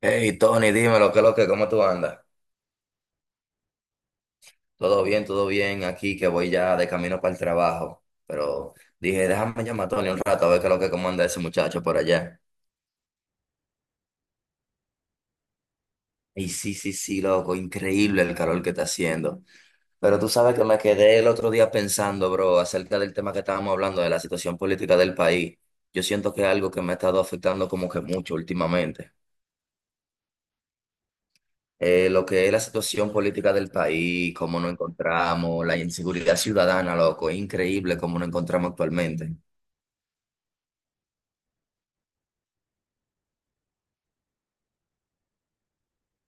Hey Tony, dímelo, ¿qué es lo que, cómo tú andas? Todo bien aquí, que voy ya de camino para el trabajo. Pero dije, déjame llamar a Tony un rato a ver qué es lo que, cómo anda ese muchacho por allá. Y sí, sí, sí, loco, increíble el calor que está haciendo. Pero tú sabes que me quedé el otro día pensando, bro, acerca del tema que estábamos hablando, de la situación política del país. Yo siento que es algo que me ha estado afectando como que mucho últimamente. Lo que es la situación política del país, cómo nos encontramos, la inseguridad ciudadana, loco, es increíble cómo nos encontramos actualmente.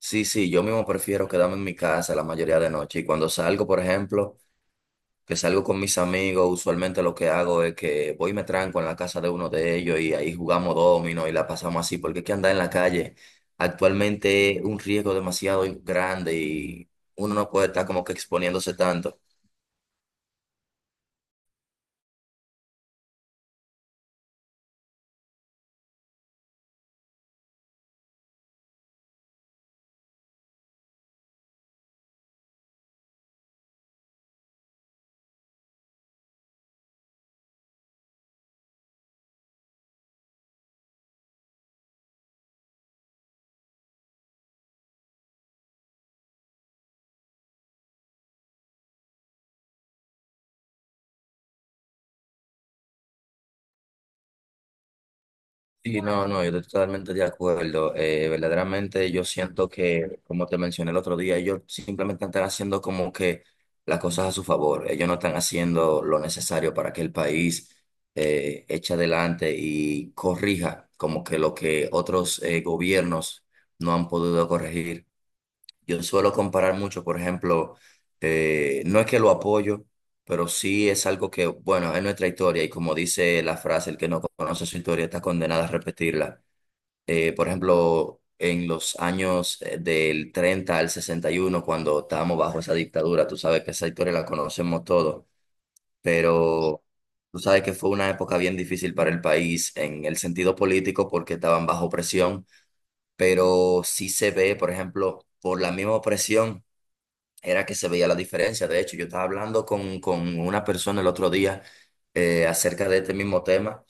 Sí, sí, yo mismo prefiero quedarme en mi casa la mayoría de noche y cuando salgo, por ejemplo, que salgo con mis amigos, usualmente lo que hago es que voy y me tranco en la casa de uno de ellos y ahí jugamos domino y la pasamos así, porque es que andar en la calle actualmente es un riesgo demasiado grande y uno no puede estar como que exponiéndose tanto. Sí, no, no, yo estoy totalmente de acuerdo. Verdaderamente yo siento que, como te mencioné el otro día, ellos simplemente están haciendo como que las cosas a su favor. Ellos no están haciendo lo necesario para que el país eche adelante y corrija como que lo que otros gobiernos no han podido corregir. Yo suelo comparar mucho, por ejemplo, no es que lo apoyo, pero sí es algo que, bueno, es nuestra historia y como dice la frase, el que no conoce su historia está condenado a repetirla. Por ejemplo, en los años del 30 al 61, cuando estábamos bajo esa dictadura, tú sabes que esa historia la conocemos todos, pero tú sabes que fue una época bien difícil para el país en el sentido político porque estaban bajo presión, pero sí se ve, por ejemplo, por la misma opresión era que se veía la diferencia. De hecho, yo estaba hablando con una persona el otro día acerca de este mismo tema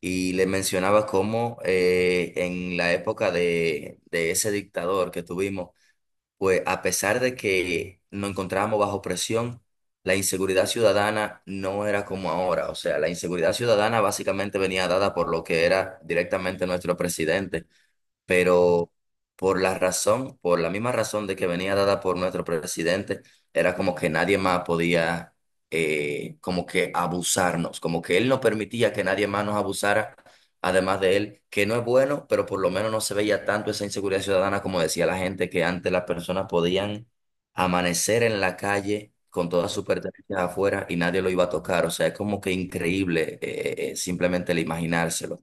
y le mencionaba cómo en la época de ese dictador que tuvimos, pues a pesar de que nos encontrábamos bajo presión, la inseguridad ciudadana no era como ahora. O sea, la inseguridad ciudadana básicamente venía dada por lo que era directamente nuestro presidente. Pero por la razón, por la misma razón de que venía dada por nuestro presidente, era como que nadie más podía como que abusarnos, como que él no permitía que nadie más nos abusara, además de él, que no es bueno, pero por lo menos no se veía tanto esa inseguridad ciudadana como decía la gente, que antes las personas podían amanecer en la calle con todas sus pertenencias afuera y nadie lo iba a tocar. O sea, es como que increíble, simplemente el imaginárselo.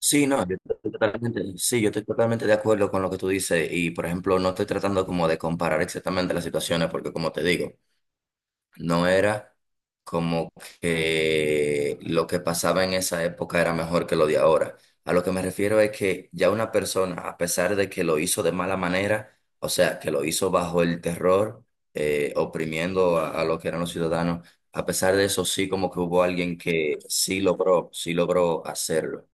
Sí, no, yo estoy totalmente, sí, yo estoy totalmente de acuerdo con lo que tú dices y, por ejemplo, no estoy tratando como de comparar exactamente las situaciones porque, como te digo, no era como que lo que pasaba en esa época era mejor que lo de ahora. A lo que me refiero es que ya una persona, a pesar de que lo hizo de mala manera, o sea, que lo hizo bajo el terror, oprimiendo a lo que eran los ciudadanos, a pesar de eso sí como que hubo alguien que sí logró hacerlo.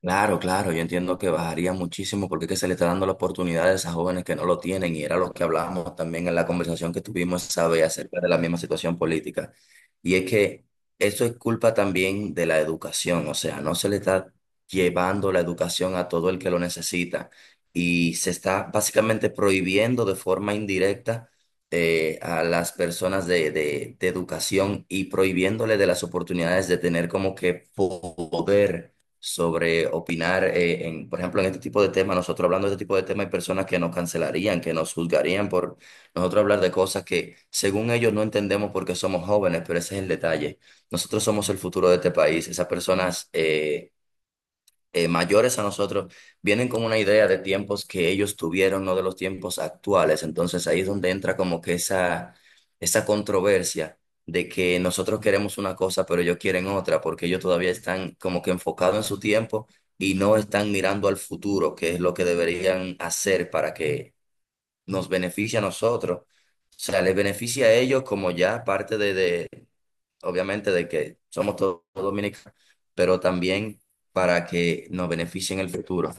Claro, claro, yo entiendo que bajaría muchísimo porque es que se le está dando la oportunidad a esas jóvenes que no lo tienen y era lo que hablábamos también en la conversación que tuvimos esa vez acerca de la misma situación política. Y es que eso es culpa también de la educación, o sea, no se le está llevando la educación a todo el que lo necesita y se está básicamente prohibiendo de forma indirecta a las personas de, de educación y prohibiéndole de las oportunidades de tener como que poder sobre opinar, en, por ejemplo, en este tipo de temas. Nosotros hablando de este tipo de temas hay personas que nos cancelarían, que nos juzgarían por nosotros hablar de cosas que según ellos no entendemos porque somos jóvenes, pero ese es el detalle. Nosotros somos el futuro de este país. Esas personas, mayores a nosotros, vienen con una idea de tiempos que ellos tuvieron, no de los tiempos actuales. Entonces ahí es donde entra como que esa controversia de que nosotros queremos una cosa, pero ellos quieren otra, porque ellos todavía están como que enfocados en su tiempo y no están mirando al futuro, que es lo que deberían hacer para que nos beneficie a nosotros. O sea, les beneficia a ellos como ya parte de, obviamente, de que somos todos dominicanos, pero también para que nos beneficien en el futuro.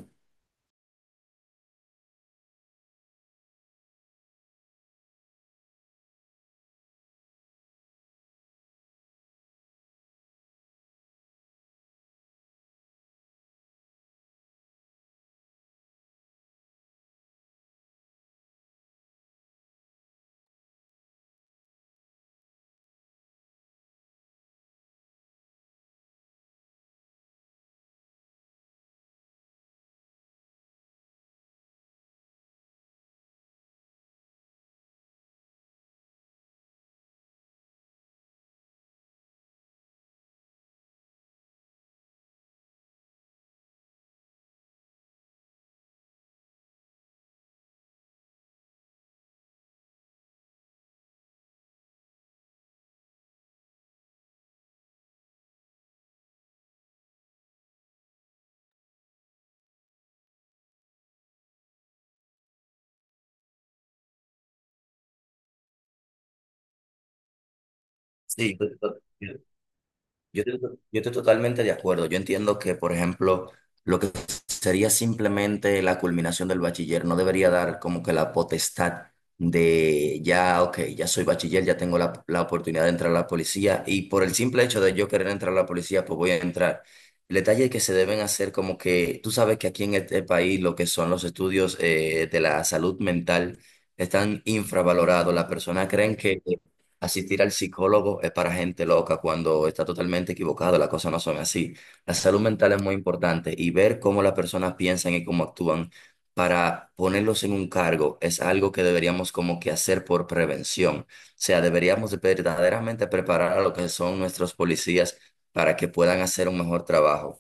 Sí. Yo, estoy yo estoy totalmente de acuerdo. Yo entiendo que, por ejemplo, lo que sería simplemente la culminación del bachiller no debería dar como que la potestad de ya, ok, ya soy bachiller, ya tengo la, la oportunidad de entrar a la policía y por el simple hecho de yo querer entrar a la policía, pues voy a entrar. El detalle es que se deben hacer como que, tú sabes que aquí en este país lo que son los estudios de la salud mental están infravalorados. Las personas creen que asistir al psicólogo es para gente loca cuando está totalmente equivocado, las cosas no son así. La salud mental es muy importante y ver cómo las personas piensan y cómo actúan para ponerlos en un cargo es algo que deberíamos como que hacer por prevención. O sea, deberíamos de verdaderamente preparar a lo que son nuestros policías para que puedan hacer un mejor trabajo.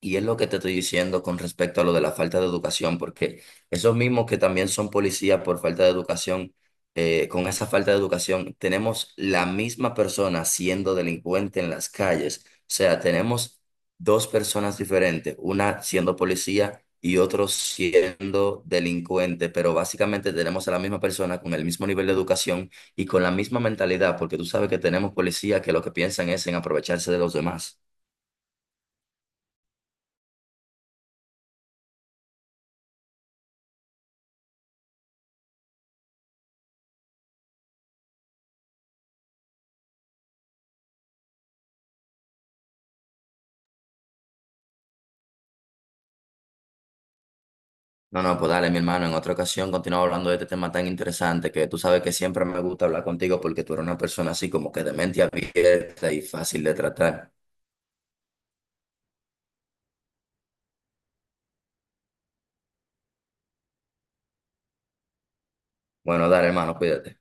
Y es lo que te estoy diciendo con respecto a lo de la falta de educación, porque esos mismos que también son policías por falta de educación, con esa falta de educación, tenemos la misma persona siendo delincuente en las calles. O sea, tenemos dos personas diferentes, una siendo policía y otro siendo delincuente, pero básicamente tenemos a la misma persona con el mismo nivel de educación y con la misma mentalidad, porque tú sabes que tenemos policías que lo que piensan es en aprovecharse de los demás. No, no, pues dale, mi hermano, en otra ocasión continuamos hablando de este tema tan interesante que tú sabes que siempre me gusta hablar contigo porque tú eres una persona así como que de mente abierta y fácil de tratar. Bueno, dale, hermano, cuídate.